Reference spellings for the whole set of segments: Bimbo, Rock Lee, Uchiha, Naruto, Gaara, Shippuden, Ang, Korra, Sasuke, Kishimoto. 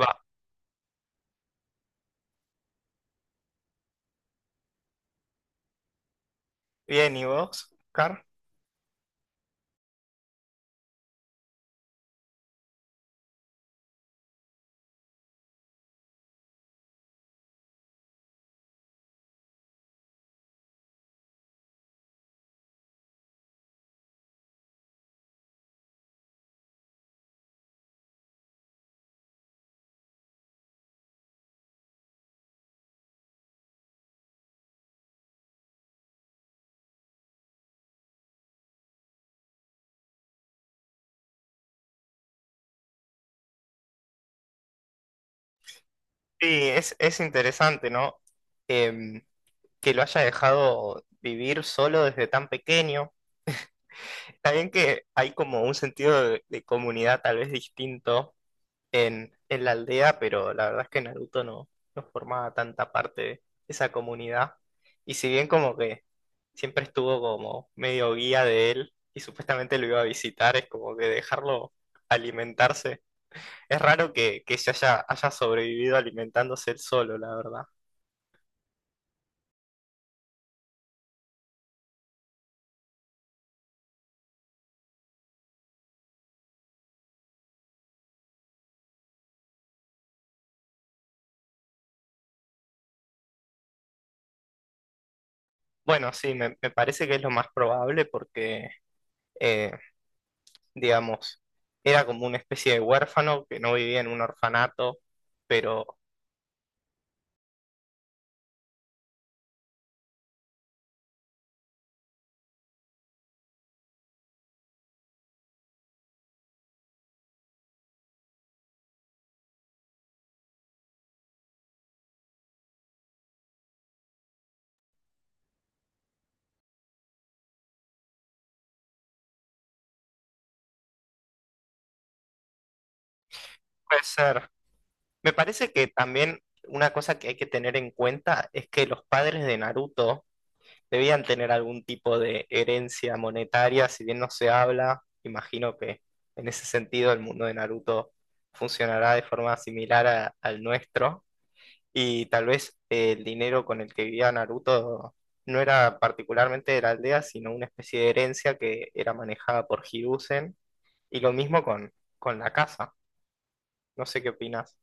Va, bien, ¿y vos, Oscar? Sí, es interesante, ¿no? Em, que lo haya dejado vivir solo desde tan pequeño. Está bien que hay como un sentido de comunidad tal vez distinto en la aldea, pero la verdad es que Naruto no, no formaba tanta parte de esa comunidad. Y si bien como que siempre estuvo como medio guía de él y supuestamente lo iba a visitar, es como que dejarlo alimentarse. Es raro que se haya sobrevivido alimentándose él solo, la verdad. Bueno, sí, me parece que es lo más probable porque, eh, digamos, era como una especie de huérfano que no vivía en un orfanato, pero puede ser. Me parece que también una cosa que hay que tener en cuenta es que los padres de Naruto debían tener algún tipo de herencia monetaria. Si bien no se habla, imagino que en ese sentido el mundo de Naruto funcionará de forma similar al nuestro, y tal vez el dinero con el que vivía Naruto no era particularmente de la aldea, sino una especie de herencia que era manejada por Hiruzen, y lo mismo con la casa. No sé qué opinas.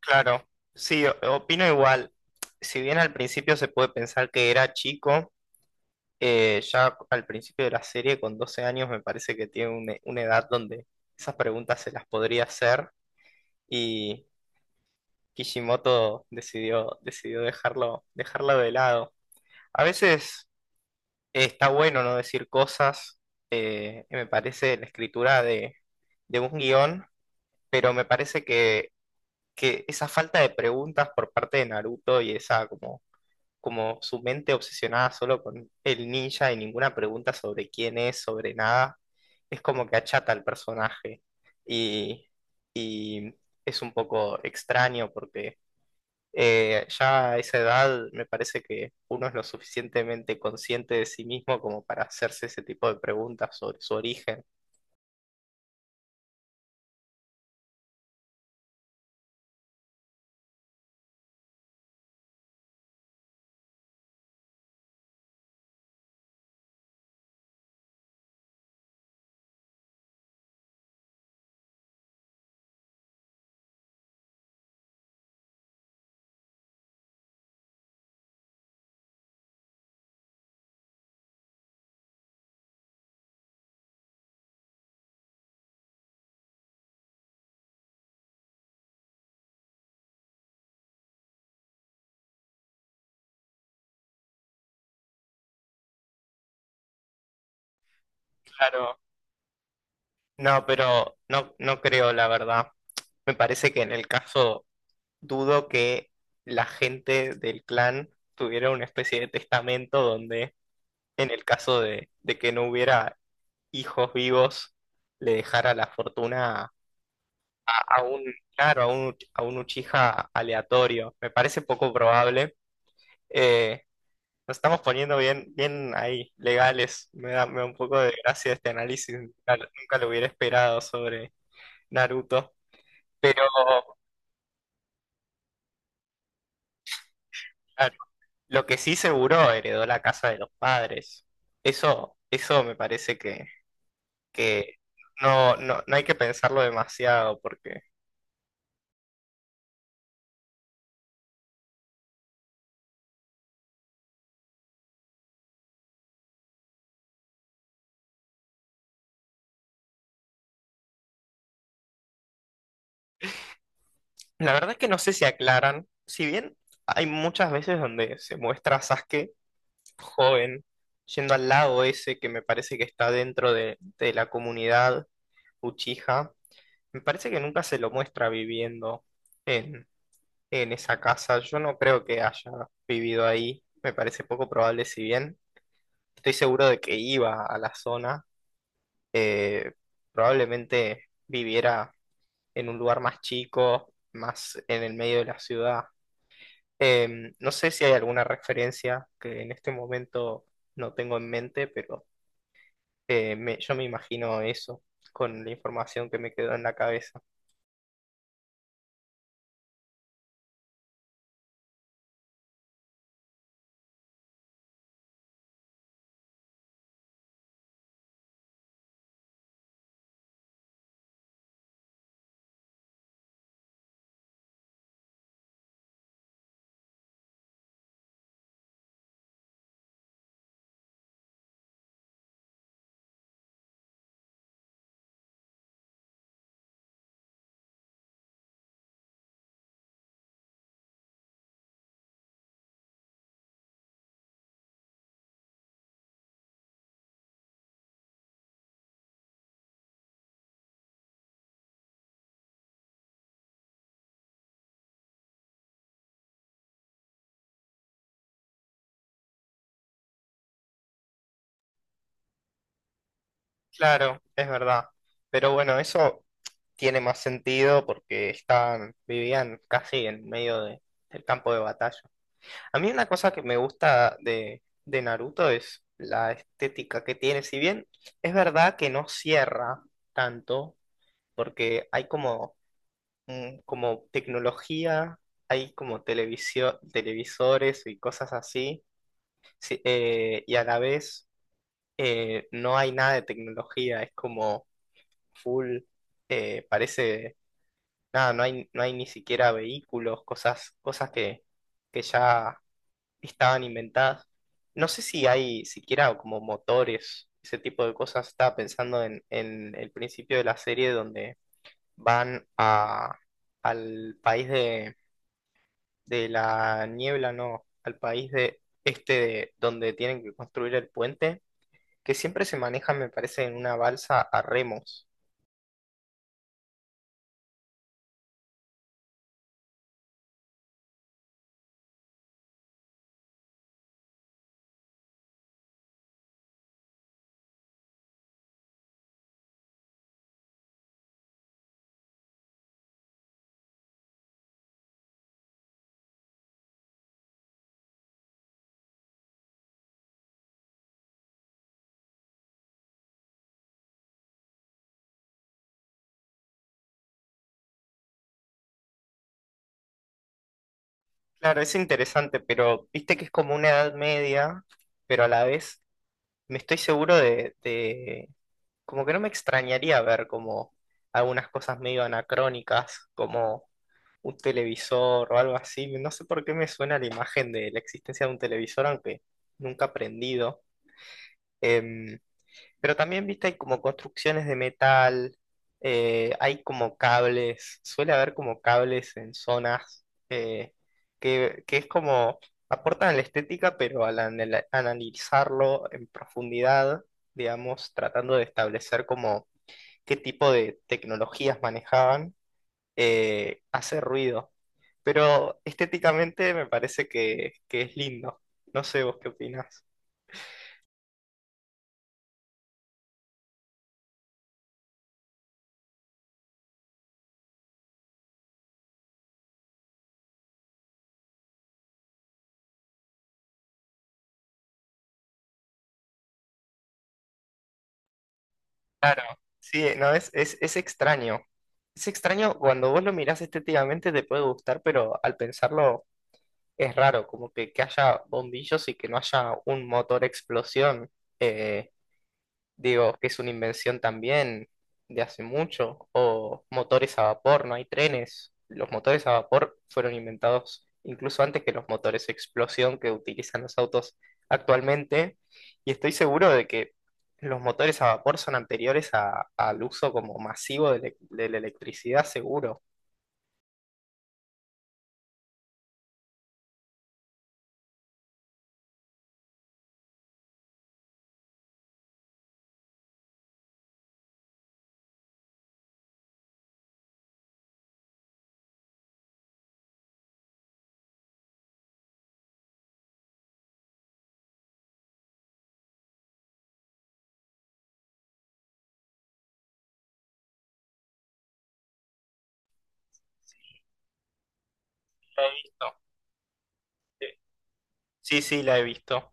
Claro, sí, opino igual. Si bien al principio se puede pensar que era chico, ya al principio de la serie, con 12 años, me parece que tiene una edad donde esas preguntas se las podría hacer, y Kishimoto decidió dejarlo de lado. A veces está bueno no decir cosas. Eh, me parece la escritura de un guión, pero me parece que esa falta de preguntas por parte de Naruto, y esa como como su mente obsesionada solo con el ninja y ninguna pregunta sobre quién es, sobre nada, es como que achata al personaje. Y, y es un poco extraño porque ya a esa edad me parece que uno es lo suficientemente consciente de sí mismo como para hacerse ese tipo de preguntas sobre su origen. Claro. No, pero no creo, la verdad. Me parece que en el caso, dudo que la gente del clan tuviera una especie de testamento donde, en el caso de que no hubiera hijos vivos, le dejara la fortuna a, a un, claro, a un Uchiha aleatorio. Me parece poco probable. Eh, Nos estamos poniendo bien ahí, legales. Me da un poco de gracia este análisis. Nunca lo hubiera esperado sobre Naruto. Pero, claro, lo que sí, seguro heredó la casa de los padres. Eso me parece que no hay que pensarlo demasiado, porque la verdad es que no sé si aclaran. Si bien hay muchas veces donde se muestra a Sasuke joven yendo al lago ese, que me parece que está dentro de la comunidad Uchiha, me parece que nunca se lo muestra viviendo en, en esa casa. Yo no creo que haya vivido ahí, me parece poco probable si bien. Estoy seguro de que iba a la zona. eh, Probablemente viviera en un lugar más chico, más en el medio de la ciudad. No sé si hay alguna referencia que en este momento no tengo en mente, pero yo me imagino eso con la información que me quedó en la cabeza. Claro, es verdad. Pero bueno, eso tiene más sentido porque estaban, vivían casi en medio del campo de batalla. A mí una cosa que me gusta de Naruto es la estética que tiene. Si bien es verdad que no cierra tanto, porque hay como, como tecnología, hay como televisión, televisores y cosas así, sí, y a la vez no hay nada de tecnología, es como full, parece, nada, no hay ni siquiera vehículos, cosas que ya estaban inventadas. No sé si hay siquiera como motores, ese tipo de cosas. Estaba pensando en el principio de la serie donde van a, al país de la niebla, no, al país de donde tienen que construir el puente, que siempre se maneja, me parece, en una balsa a remos. Claro, es interesante, pero viste que es como una edad media, pero a la vez me estoy seguro como que no me extrañaría ver como algunas cosas medio anacrónicas, como un televisor o algo así. No sé por qué me suena la imagen de la existencia de un televisor, aunque nunca he aprendido. Em, pero también, viste, hay como construcciones de metal, hay como cables, suele haber como cables en zonas que es como aportan la estética, pero al analizarlo en profundidad, digamos, tratando de establecer como qué tipo de tecnologías manejaban, hace ruido. Pero estéticamente me parece que es lindo. No sé vos qué opinás. Claro, sí, no, es extraño. Es extraño cuando vos lo mirás estéticamente te puede gustar, pero al pensarlo es raro, como que haya bombillos y que no haya un motor explosión. Eh, Digo, que es una invención también de hace mucho. O motores a vapor, no hay trenes. Los motores a vapor fueron inventados incluso antes que los motores a explosión que utilizan los autos actualmente. Y estoy seguro de que los motores a vapor son anteriores al uso como masivo de la electricidad, seguro. La he visto. Sí, sí, la he visto.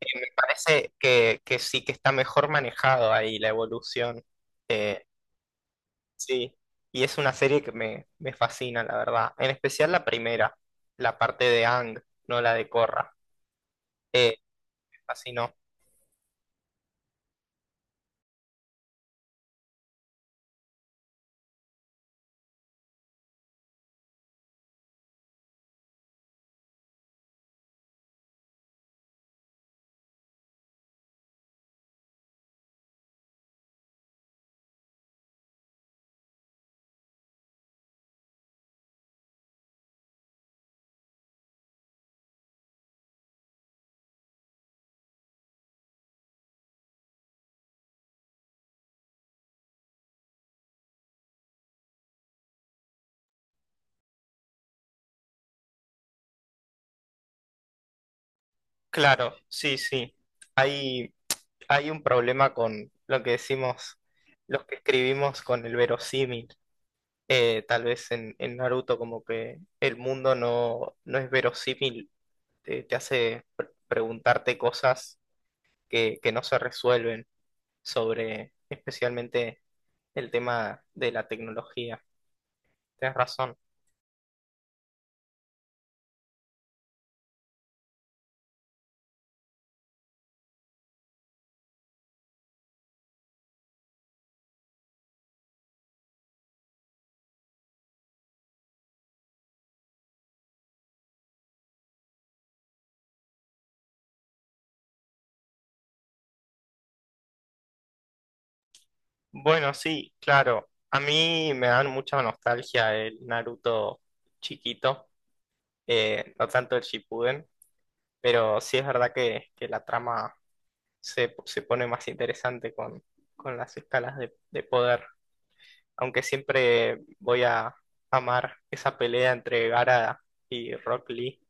Me parece que sí que está mejor manejado ahí la evolución. eh, Sí, y es una serie me fascina, la verdad. En especial la primera, la parte de Ang, no la de Korra. Eh, Me fascinó. Claro, sí, sí. Hay, Hay un problema con lo que decimos los que escribimos con el verosímil. Tal vez en Naruto, como que el mundo no es verosímil, te hace preguntarte cosas que no se resuelven sobre, especialmente, el tema de la tecnología. Tienes razón. Bueno, sí, claro. A mí me dan mucha nostalgia el Naruto chiquito, no tanto el Shippuden, pero sí es verdad que la trama se pone más interesante con las escalas de poder, aunque siempre voy a amar esa pelea entre Gaara y Rock Lee.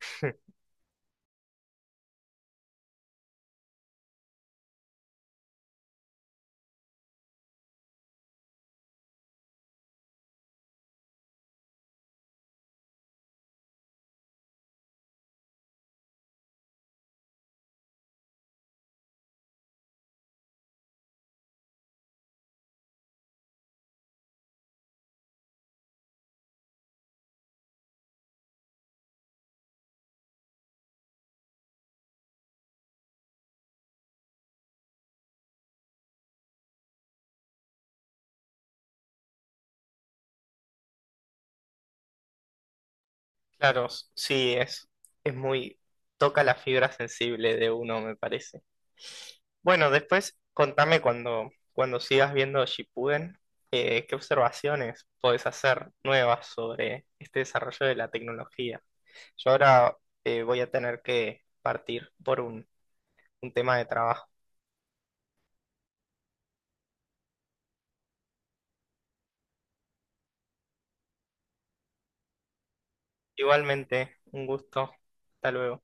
Claro, sí, es muy... toca la fibra sensible de uno, me parece. Bueno, después contame cuando sigas viendo Shippuden, qué observaciones podés hacer nuevas sobre este desarrollo de la tecnología. Yo ahora voy a tener que partir por un tema de trabajo. Igualmente, un gusto. Hasta luego.